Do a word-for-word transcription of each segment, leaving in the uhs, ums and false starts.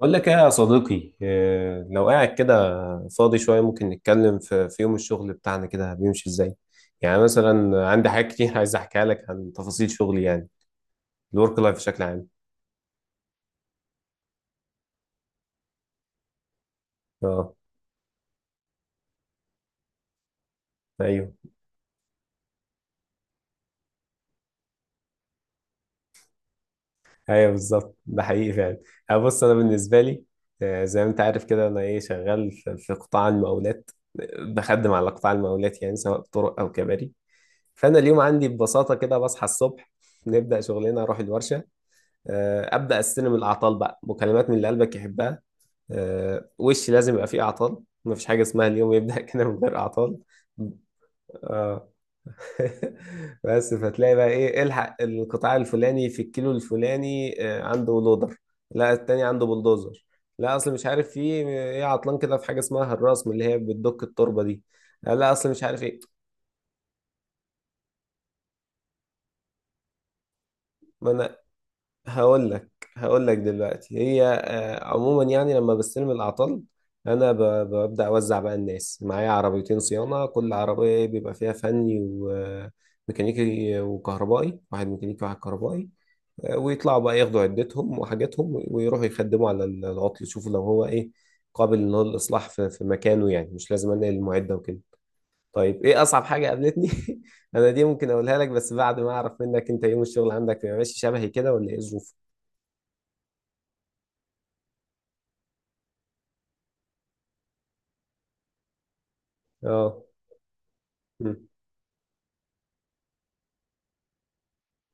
بقول لك ايه يا صديقي إيه، لو قاعد كده فاضي شوية ممكن نتكلم في في يوم الشغل بتاعنا كده بيمشي ازاي يعني مثلا عندي حاجات كتير عايز احكيها لك عن تفاصيل شغلي يعني الورك لايف بشكل عام. اه، ايوه، ايوه بالظبط ده حقيقي فعلا. أنا بص، انا بالنسبة لي آه، زي ما انت عارف كده انا ايه شغال في في قطاع المقاولات. بخدم على قطاع المقاولات يعني سواء طرق او كباري. فانا اليوم عندي ببساطة كده بصحى الصبح، نبدأ شغلنا، اروح الورشة. آه، ابدا استلم الاعطال بقى مكالمات من اللي قلبك يحبها. آه، وش لازم يبقى فيه اعطال، مفيش حاجه اسمها اليوم يبدا كده من غير اعطال. اه. بس فتلاقي بقى ايه الحق القطاع الفلاني في الكيلو الفلاني، آه، عنده لودر، لا التاني عنده بلدوزر، لا اصل مش عارف في ايه عطلان كده في حاجه اسمها الرسم اللي هي بتدك التربه دي، لا اصل مش عارف ايه. ما انا هقول لك، هقول لك دلوقتي هي، آه، عموما يعني لما بستلم الأعطال، أنا ب- ببدأ أوزع بقى الناس معايا عربيتين صيانة، كل عربية بيبقى فيها فني وميكانيكي وكهربائي، واحد ميكانيكي واحد كهربائي. آه، ويطلعوا بقى ياخدوا عدتهم وحاجاتهم ويروحوا يخدموا على العطل، يشوفوا لو هو إيه قابل إن هو للإصلاح في في مكانه يعني مش لازم أنقل المعدة وكده. طيب إيه أصعب حاجة قابلتني؟ أنا دي ممكن أقولها لك بس بعد ما أعرف منك أنت يوم الشغل عندك بيبقى ماشي شبهي كده ولا إيه الظروف؟ اه. مم.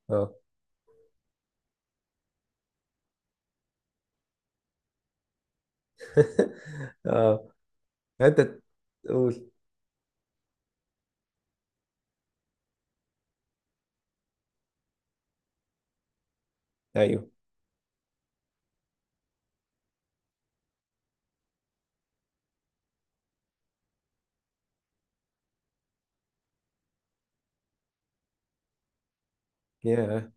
اه. اه، انت تقول. ايوه. ياه،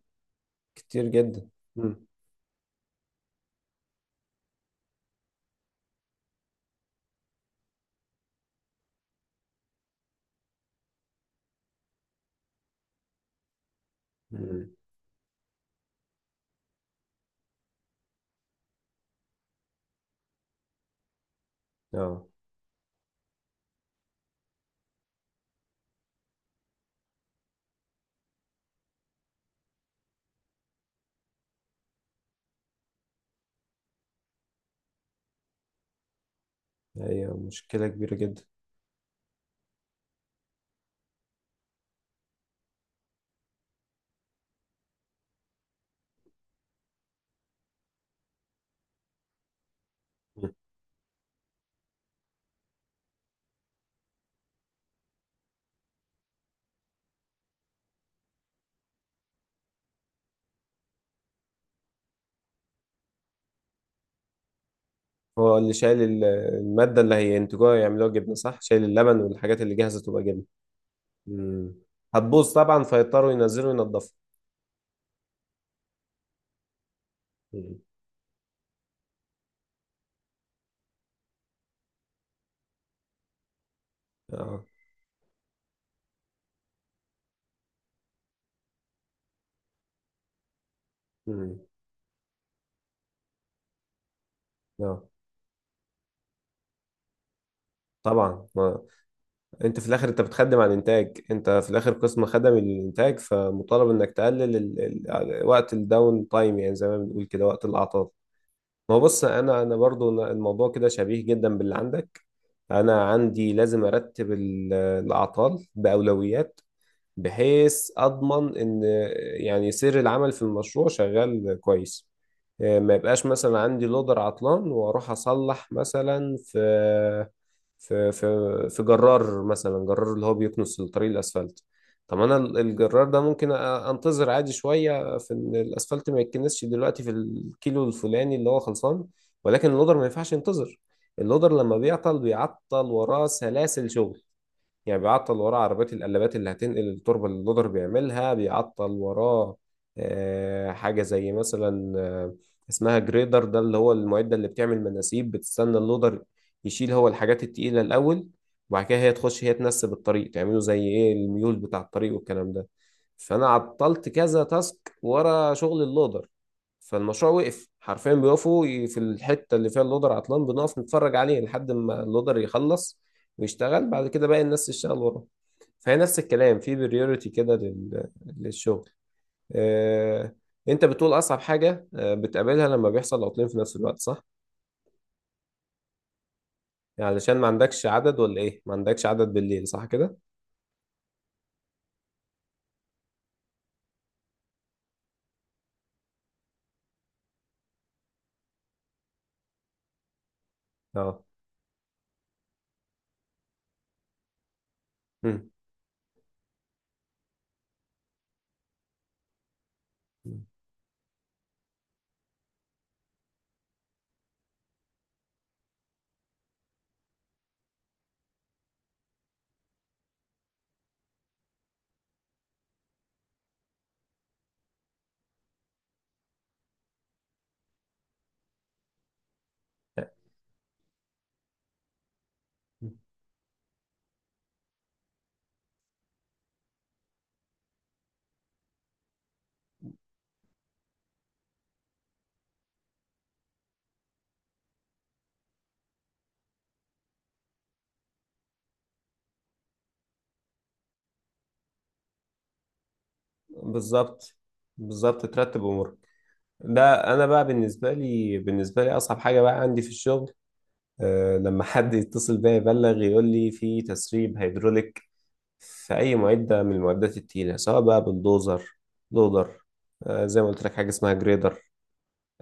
كتير جدا. مم. مم. اه. ايوه، مشكلة كبيرة جدا. مم. هو اللي شايل ال- المادة اللي هينتجوها يعملوها جبنة صح، شايل اللبن والحاجات اللي جاهزة تبقى جبنة. مم. هتبوظ طبعا فيضطروا ينزلوا ينضفوا. مم. اه. مم. اه طبعا. ما انت في الاخر انت بتخدم على الانتاج، انت في الاخر قسم خدم الانتاج فمطالب انك تقلل ال... ال... يعني وقت الداون تايم يعني زي ما بنقول كده، وقت الاعطال. ما هو بص، انا انا برضو الموضوع كده شبيه جدا باللي عندك. انا عندي لازم ارتب ال- الاعطال باولويات، بحيث اضمن ان يعني سير العمل في المشروع شغال كويس. آه، ما يبقاش مثلا عندي لودر عطلان واروح اصلح مثلا في في في في جرار، مثلا جرار اللي هو بيكنس الطريق الاسفلت. طب انا ال- الجرار ده ممكن أ- انتظر عادي شويه في ان الاسفلت ما يتكنسش دلوقتي في الكيلو الفلاني اللي هو خلصان. ولكن اللودر ما ينفعش ينتظر. اللودر لما بيعطل بيعطل وراه سلاسل شغل، يعني بيعطل وراه عربيات القلابات اللي هتنقل التربة اللي اللودر بيعملها، بيعطل وراه آه، حاجة زي مثلا آه، اسمها جريدر، ده اللي هو المعدة اللي بتعمل مناسيب، بتستنى اللودر يشيل هو الحاجات التقيلة الأول، وبعد كده هي تخش هي تنسب الطريق تعمله زي ايه الميول بتاع الطريق والكلام ده. فأنا عطلت كذا تاسك ورا شغل اللودر، فالمشروع وقف حرفيا، بيقفوا في الحتة اللي فيها اللودر عطلان بنقف نتفرج عليه لحد ما اللودر يخلص ويشتغل بعد كده باقي الناس تشتغل وراه. فهي نفس الكلام في بريوريتي كده لل- للشغل. آه، انت بتقول اصعب حاجة آه، بتقابلها لما بيحصل عطلين في نفس الوقت صح؟ يعني علشان ما عندكش عدد ولا ايه؟ ما عندكش عدد بالليل صح كده؟ اه. مم. بالظبط، بالظبط ترتب امورك. ده انا بقى بالنسبه لي، بالنسبه لي اصعب حاجه بقى عندي في الشغل، أه لما حد يتصل بيا يبلغ يقول لي في تسريب هيدروليك في أي معدة من المعدات التقيلة سواء بقى بالدوزر، لودر، آه، زي ما قلت لك حاجة اسمها جريدر.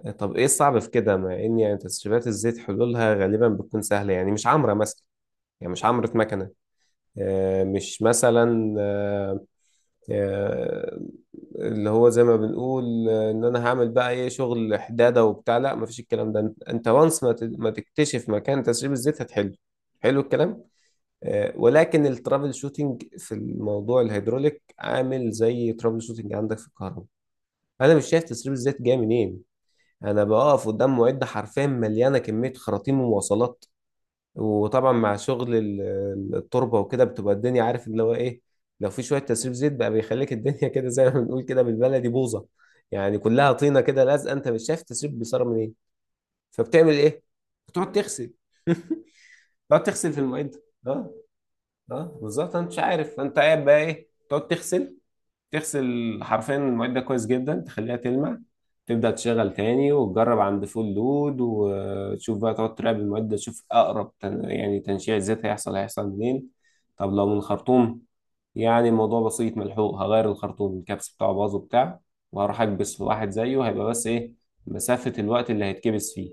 آه، طب إيه الصعب في كده مع إن يعني تسريبات الزيت حلولها غالبا بتكون سهلة، يعني مش عمرة مثلا، يعني مش عمرة مكنة، آه، مش مثلا آه، آه، اللي هو زي ما بنقول آه، إن أنا هعمل بقى إيه شغل حدادة وبتاع، لا مفيش الكلام ده، أنت وانس ما ت- ما تكتشف مكان تسريب الزيت هتحله. حلو الكلام. آه، ولكن الترابل شوتنج في الموضوع الهيدروليك عامل زي ترابل شوتنج عندك في الكهرباء. انا مش شايف تسريب الزيت جاي منين. انا بقف قدام معده حرفيا مليانه كميه خراطيم ومواصلات، وطبعا مع شغل ال- ال- التربه وكده بتبقى الدنيا عارف اللي هو ايه. لو في شويه تسريب زيت بقى بيخليك الدنيا كده زي ما بنقول كده بالبلدي بوظه، يعني كلها طينه كده لازقه، انت مش شايف التسريب بيصير منين. فبتعمل ايه؟ بتقعد تغسل. تقعد تغسل في المعده، اه. اه بالظبط، انت مش عارف انت قاعد بقى ايه، تقعد تغسل، تغسل حرفيا المعده كويس جدا، تخليها تلمع، تبدا تشغل تاني وتجرب عند فول لود وتشوف بقى، تقعد تراقب المعده تشوف اقرب تن... يعني تنشيع زيت هيحصل، هيحصل منين. طب لو من الخرطوم، يعني الموضوع بسيط ملحوق، هغير الخرطوم الكبس بتاعه باظ وبتاع، وهروح اكبس في واحد زيه، هيبقى بس ايه مسافه الوقت اللي هيتكبس فيه،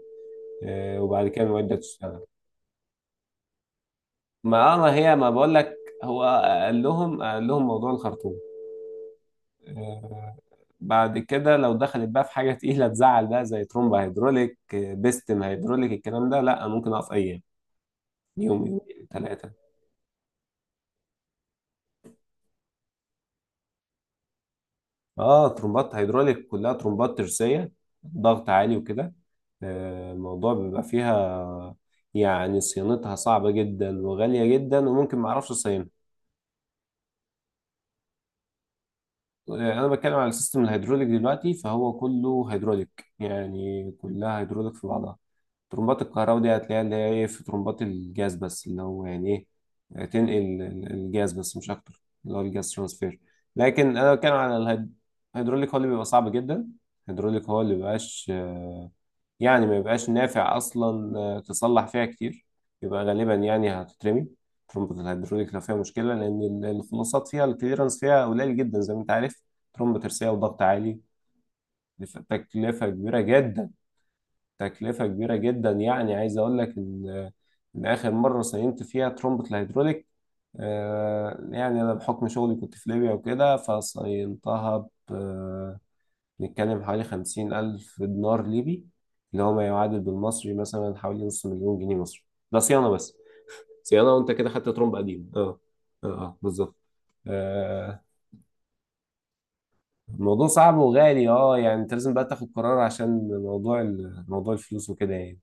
آه، وبعد كده المعده تشتغل. ما آه، ما هي ما بقول لك، هو قال لهم قال لهم موضوع الخرطوم. آه، بعد كده لو دخلت بقى في حاجه تقيله تزعل بقى زي ترومبا هيدروليك، آه، بيستم هيدروليك الكلام ده، لا ممكن اقف ايام، يوم يومين ثلاثه. اه ترومبات هيدروليك كلها ترومبات ترسيه، ضغط عالي وكده. آه، الموضوع بيبقى فيها يعني صيانتها صعبه جدا وغاليه جدا وممكن ما اعرفش اصينها. يعني انا بتكلم على السيستم الهيدروليك دلوقتي فهو كله هيدروليك، يعني كلها هيدروليك في بعضها. ترمبات الكهرباء دي هتلاقيها اللي هي ايه، في ترمبات الجاز بس اللي هو يعني ايه تنقل ال- ال- الجاز بس مش اكتر، اللي هو الجاز ترانسفير. لكن انا بتكلم على الهيد- الهيدروليك، هو اللي بيبقى صعب جدا. الهيدروليك هو اللي مبيبقاش يعني ما يبقاش نافع اصلا آه، تصلح فيها كتير، يبقى غالبا يعني هتترمي ترمبة الهيدروليك لو فيها مشكلة، لأن ال- الخلاصات فيها، الكليرنس فيها قليل جدا زي ما أنت عارف، ترمبة ترسية وضغط عالي. لف- تكلفة كبيرة جدا، تكلفة كبيرة جدا، يعني عايز أقول لك إن آه، إن آخر مرة صينت فيها ترمبة الهيدروليك، آه، يعني أنا بحكم شغلي كنت في ليبيا وكده فصينتها، بنتكلم حوالي خمسين ألف دينار ليبي، اللي هو ما يعادل بالمصري مثلا حوالي نص مليون جنيه مصري. ده صيانة بس. صيانة وأنت كده خدت ترمب قديم، اه. اه اه بالظبط. آه، الموضوع صعب وغالي، اه يعني انت لازم بقى تاخد قرار عشان موضوع ال- موضوع الفلوس وكده يعني.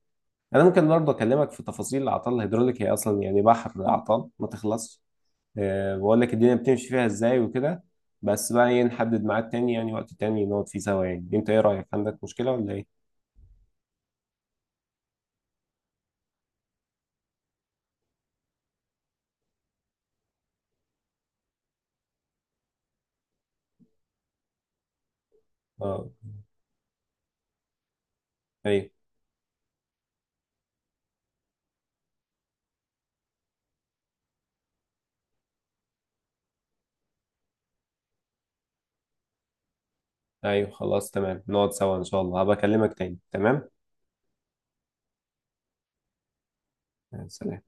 انا ممكن برضه اكلمك في تفاصيل الاعطال الهيدروليك، هي اصلا يعني بحر اعطال ما تخلصش، أه بقول لك الدنيا بتمشي فيها ازاي وكده. بس بقى ايه، نحدد ميعاد تاني يعني وقت تاني نقعد فيه سوا، يعني انت ايه رايك، عندك مشكله ولا ايه؟ اه، ايوه، ايوه خلاص تمام، نقعد سوا ان شاء الله، هبقى اكلمك تاني. تمام، سلام.